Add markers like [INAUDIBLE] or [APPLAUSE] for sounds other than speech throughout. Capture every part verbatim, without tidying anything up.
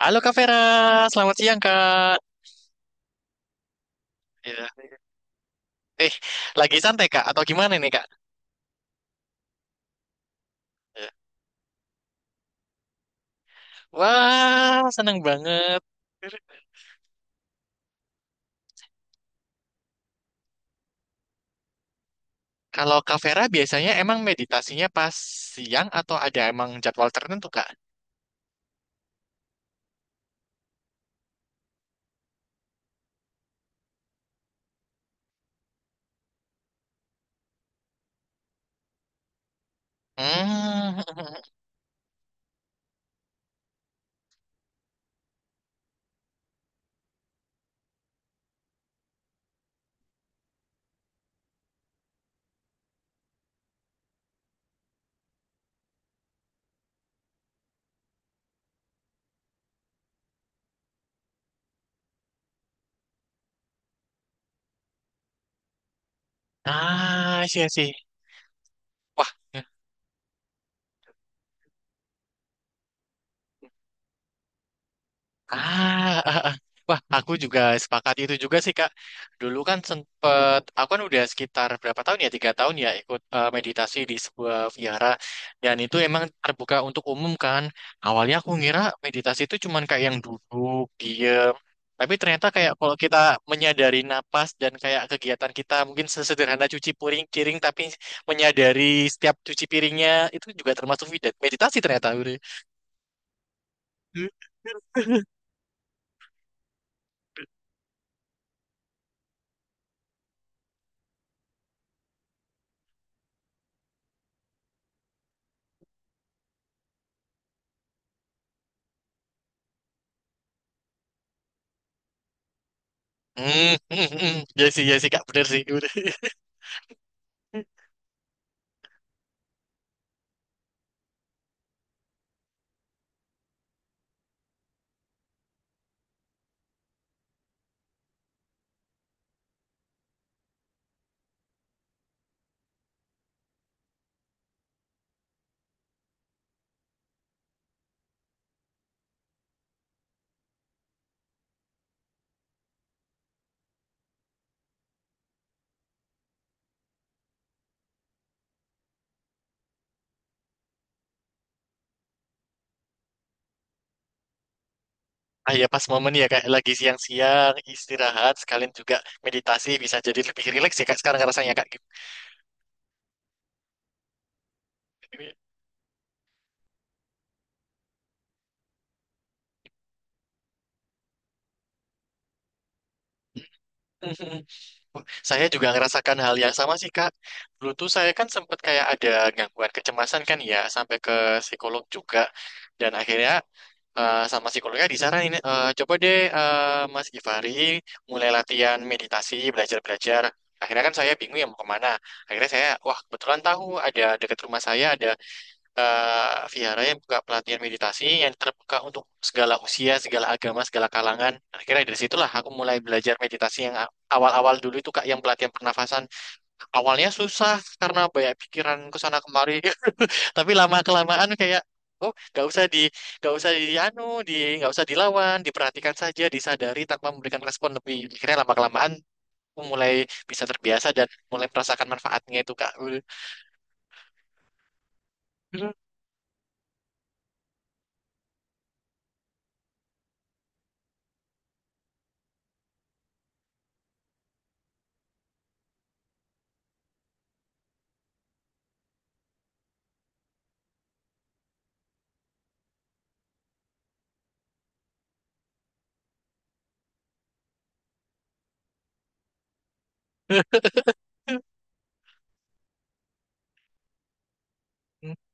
Halo Kak Vera, selamat siang Kak. Ya. Eh, lagi santai Kak atau gimana nih Kak? Ya. Wah, seneng banget. Kalau Kak Vera biasanya emang meditasinya pas siang atau ada emang jadwal tertentu Kak? Hmm. [LAUGHS] Ah, sih sih. Wah, ah, ah, ah, wah, aku juga sepakat itu juga sih, Kak. Dulu kan sempet, aku kan udah sekitar berapa tahun ya, tiga tahun ya ikut eh, meditasi di sebuah vihara. Dan itu emang terbuka untuk umum kan. Awalnya aku ngira meditasi itu cuman kayak yang duduk, diem. Tapi ternyata kayak kalau kita menyadari napas dan kayak kegiatan kita mungkin sesederhana cuci piring, piring tapi menyadari setiap cuci piringnya itu juga termasuk meditasi ternyata. Uri. Hmm, [LAUGHS] ya sih, ya sih, Kak, bener sih. Udah. [LAUGHS] Ah ya, pas momen ya, Kak, lagi siang-siang, istirahat, sekalian juga meditasi, bisa jadi lebih rileks ya, Kak, sekarang rasanya, Kak. Gitu. [LAUGHS] Saya juga ngerasakan hal yang sama sih, Kak. Dulu tuh saya kan sempat kayak ada gangguan kecemasan kan ya, sampai ke psikolog juga. Dan akhirnya eh, sama psikolognya disaranin, eh, coba deh eh, Mas Givari mulai latihan meditasi, belajar-belajar. Akhirnya kan saya bingung ya mau kemana. Akhirnya saya, wah kebetulan tahu ada dekat rumah saya ada eh vihara yang buka pelatihan meditasi yang terbuka untuk segala usia, segala agama, segala kalangan. Akhirnya dari situlah aku mulai belajar meditasi yang a- awal-awal dulu itu Kak yang pelatihan pernafasan. Awalnya susah karena banyak pikiran ke sana kemari, [LAUGHS] tapi lama-kelamaan kayak, oh, nggak usah di, nggak usah di anu, di, nggak usah dilawan, diperhatikan saja, disadari tanpa memberikan respon lebih. Akhirnya lama kelamaan mulai bisa terbiasa dan mulai merasakan manfaatnya itu Kak. [LAUGHS]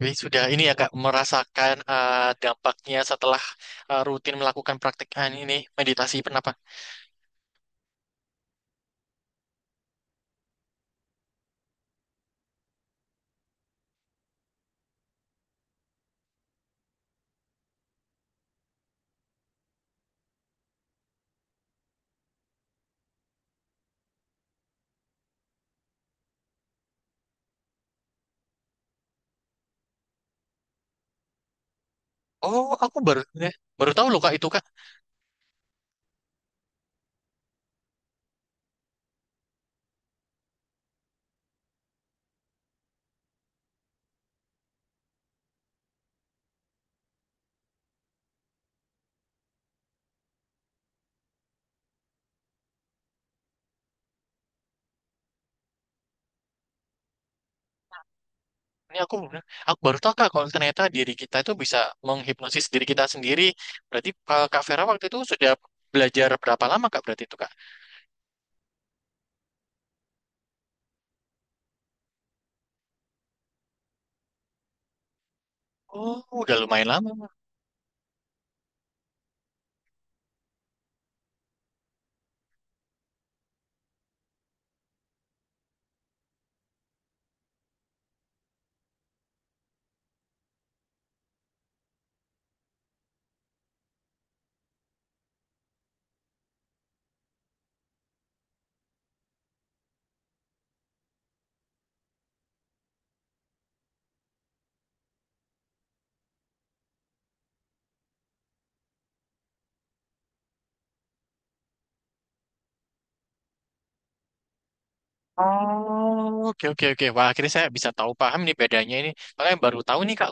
Jadi sudah ini ya Kak merasakan eh, dampaknya setelah eh, rutin melakukan praktik ah, ini meditasi kenapa? Oh, aku baru ya, baru tahu loh Kak itu Kak. Ini aku eh, aku baru tahu Kak kalau ternyata diri kita itu bisa menghipnosis diri kita sendiri. Berarti eh, Kak Vera waktu itu sudah belajar berapa lama Kak berarti itu Kak? Oh, udah lumayan lama. Oh, oke oke oke. Wah, akhirnya saya bisa tahu paham nih bedanya ini. Makanya baru tahu nih Kak.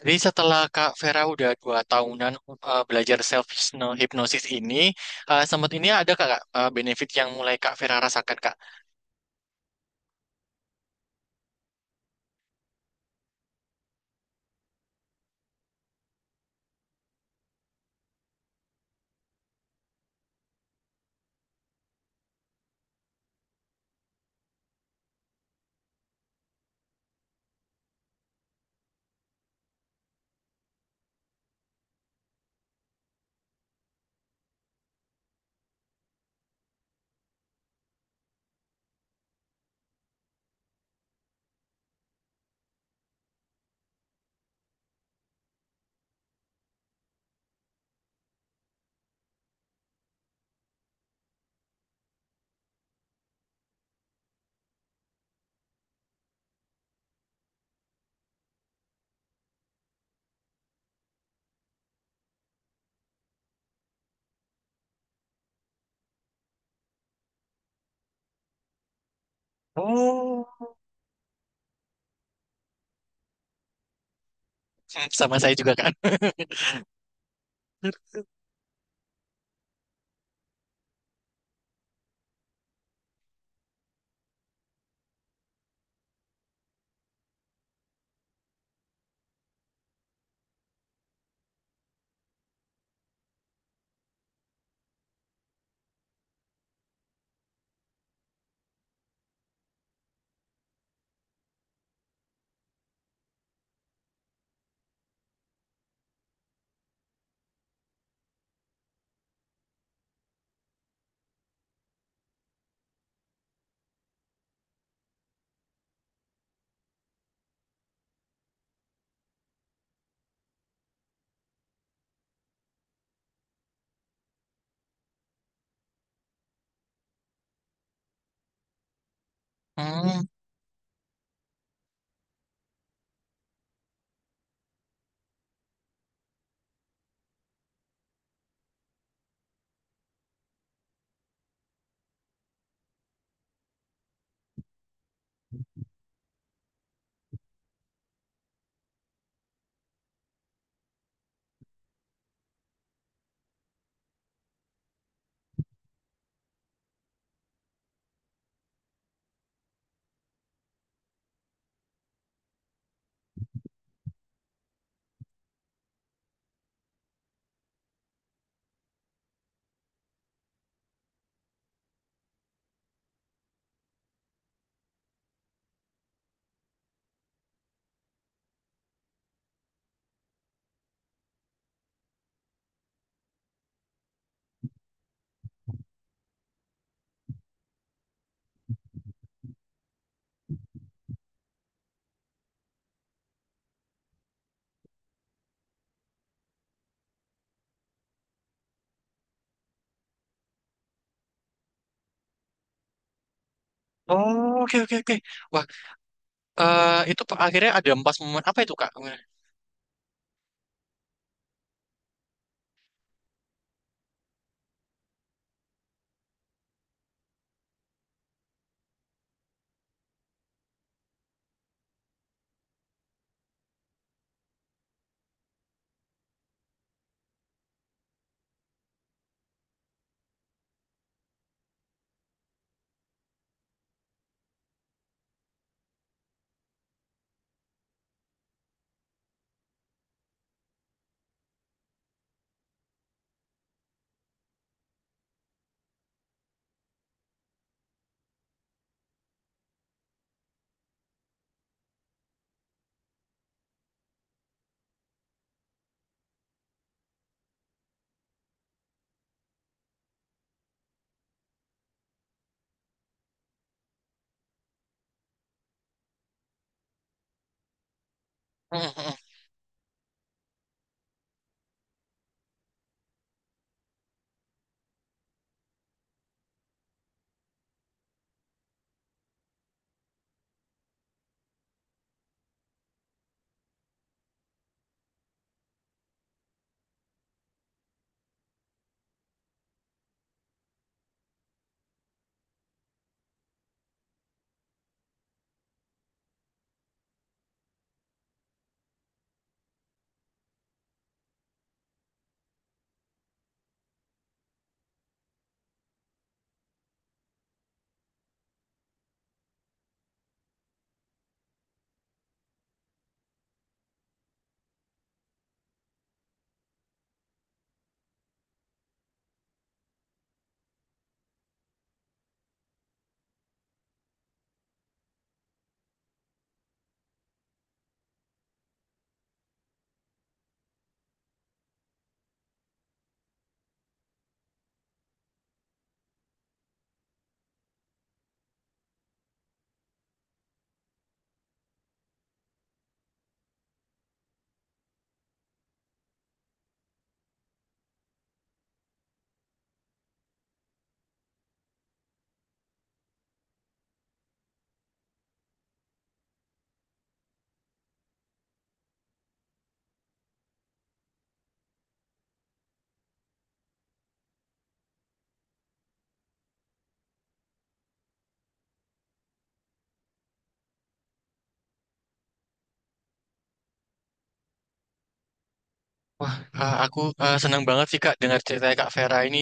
Jadi setelah Kak Vera udah dua tahunan uh, belajar self hypnosis ini, uh, sempat ini ada Kak, Kak, uh, benefit yang mulai Kak Vera rasakan Kak? Oh, sama saya juga Kak. [LAUGHS] Hmm. Oh, oke oke oke. Wah, eh, itu Pak, akhirnya ada empat momen apa itu Kak? Hmm, hmm, hmm. Wah, eh, aku eh, senang banget sih Kak dengar cerita Kak Vera ini.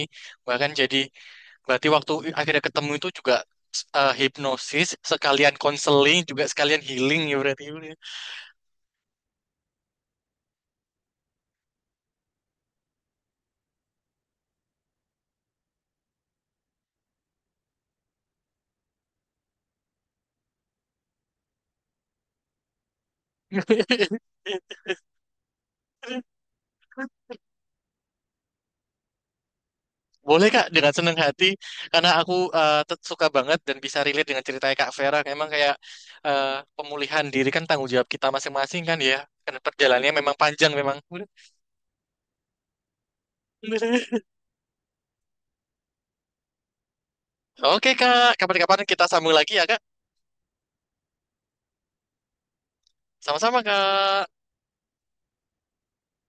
Bahkan jadi berarti waktu akhirnya ketemu itu juga eh, hipnosis sekalian konseling juga sekalian healing ya berarti. [LAUGHS] Boleh Kak, dengan senang hati karena aku eh, tet- suka banget dan bisa relate dengan ceritanya Kak Vera. Memang kayak eh, pemulihan diri kan tanggung jawab kita masing-masing kan ya. Karena perjalanannya memang panjang memang. [LAUGHS] Oke Kak, kapan-kapan kita sambung lagi ya Kak. Sama-sama Kak.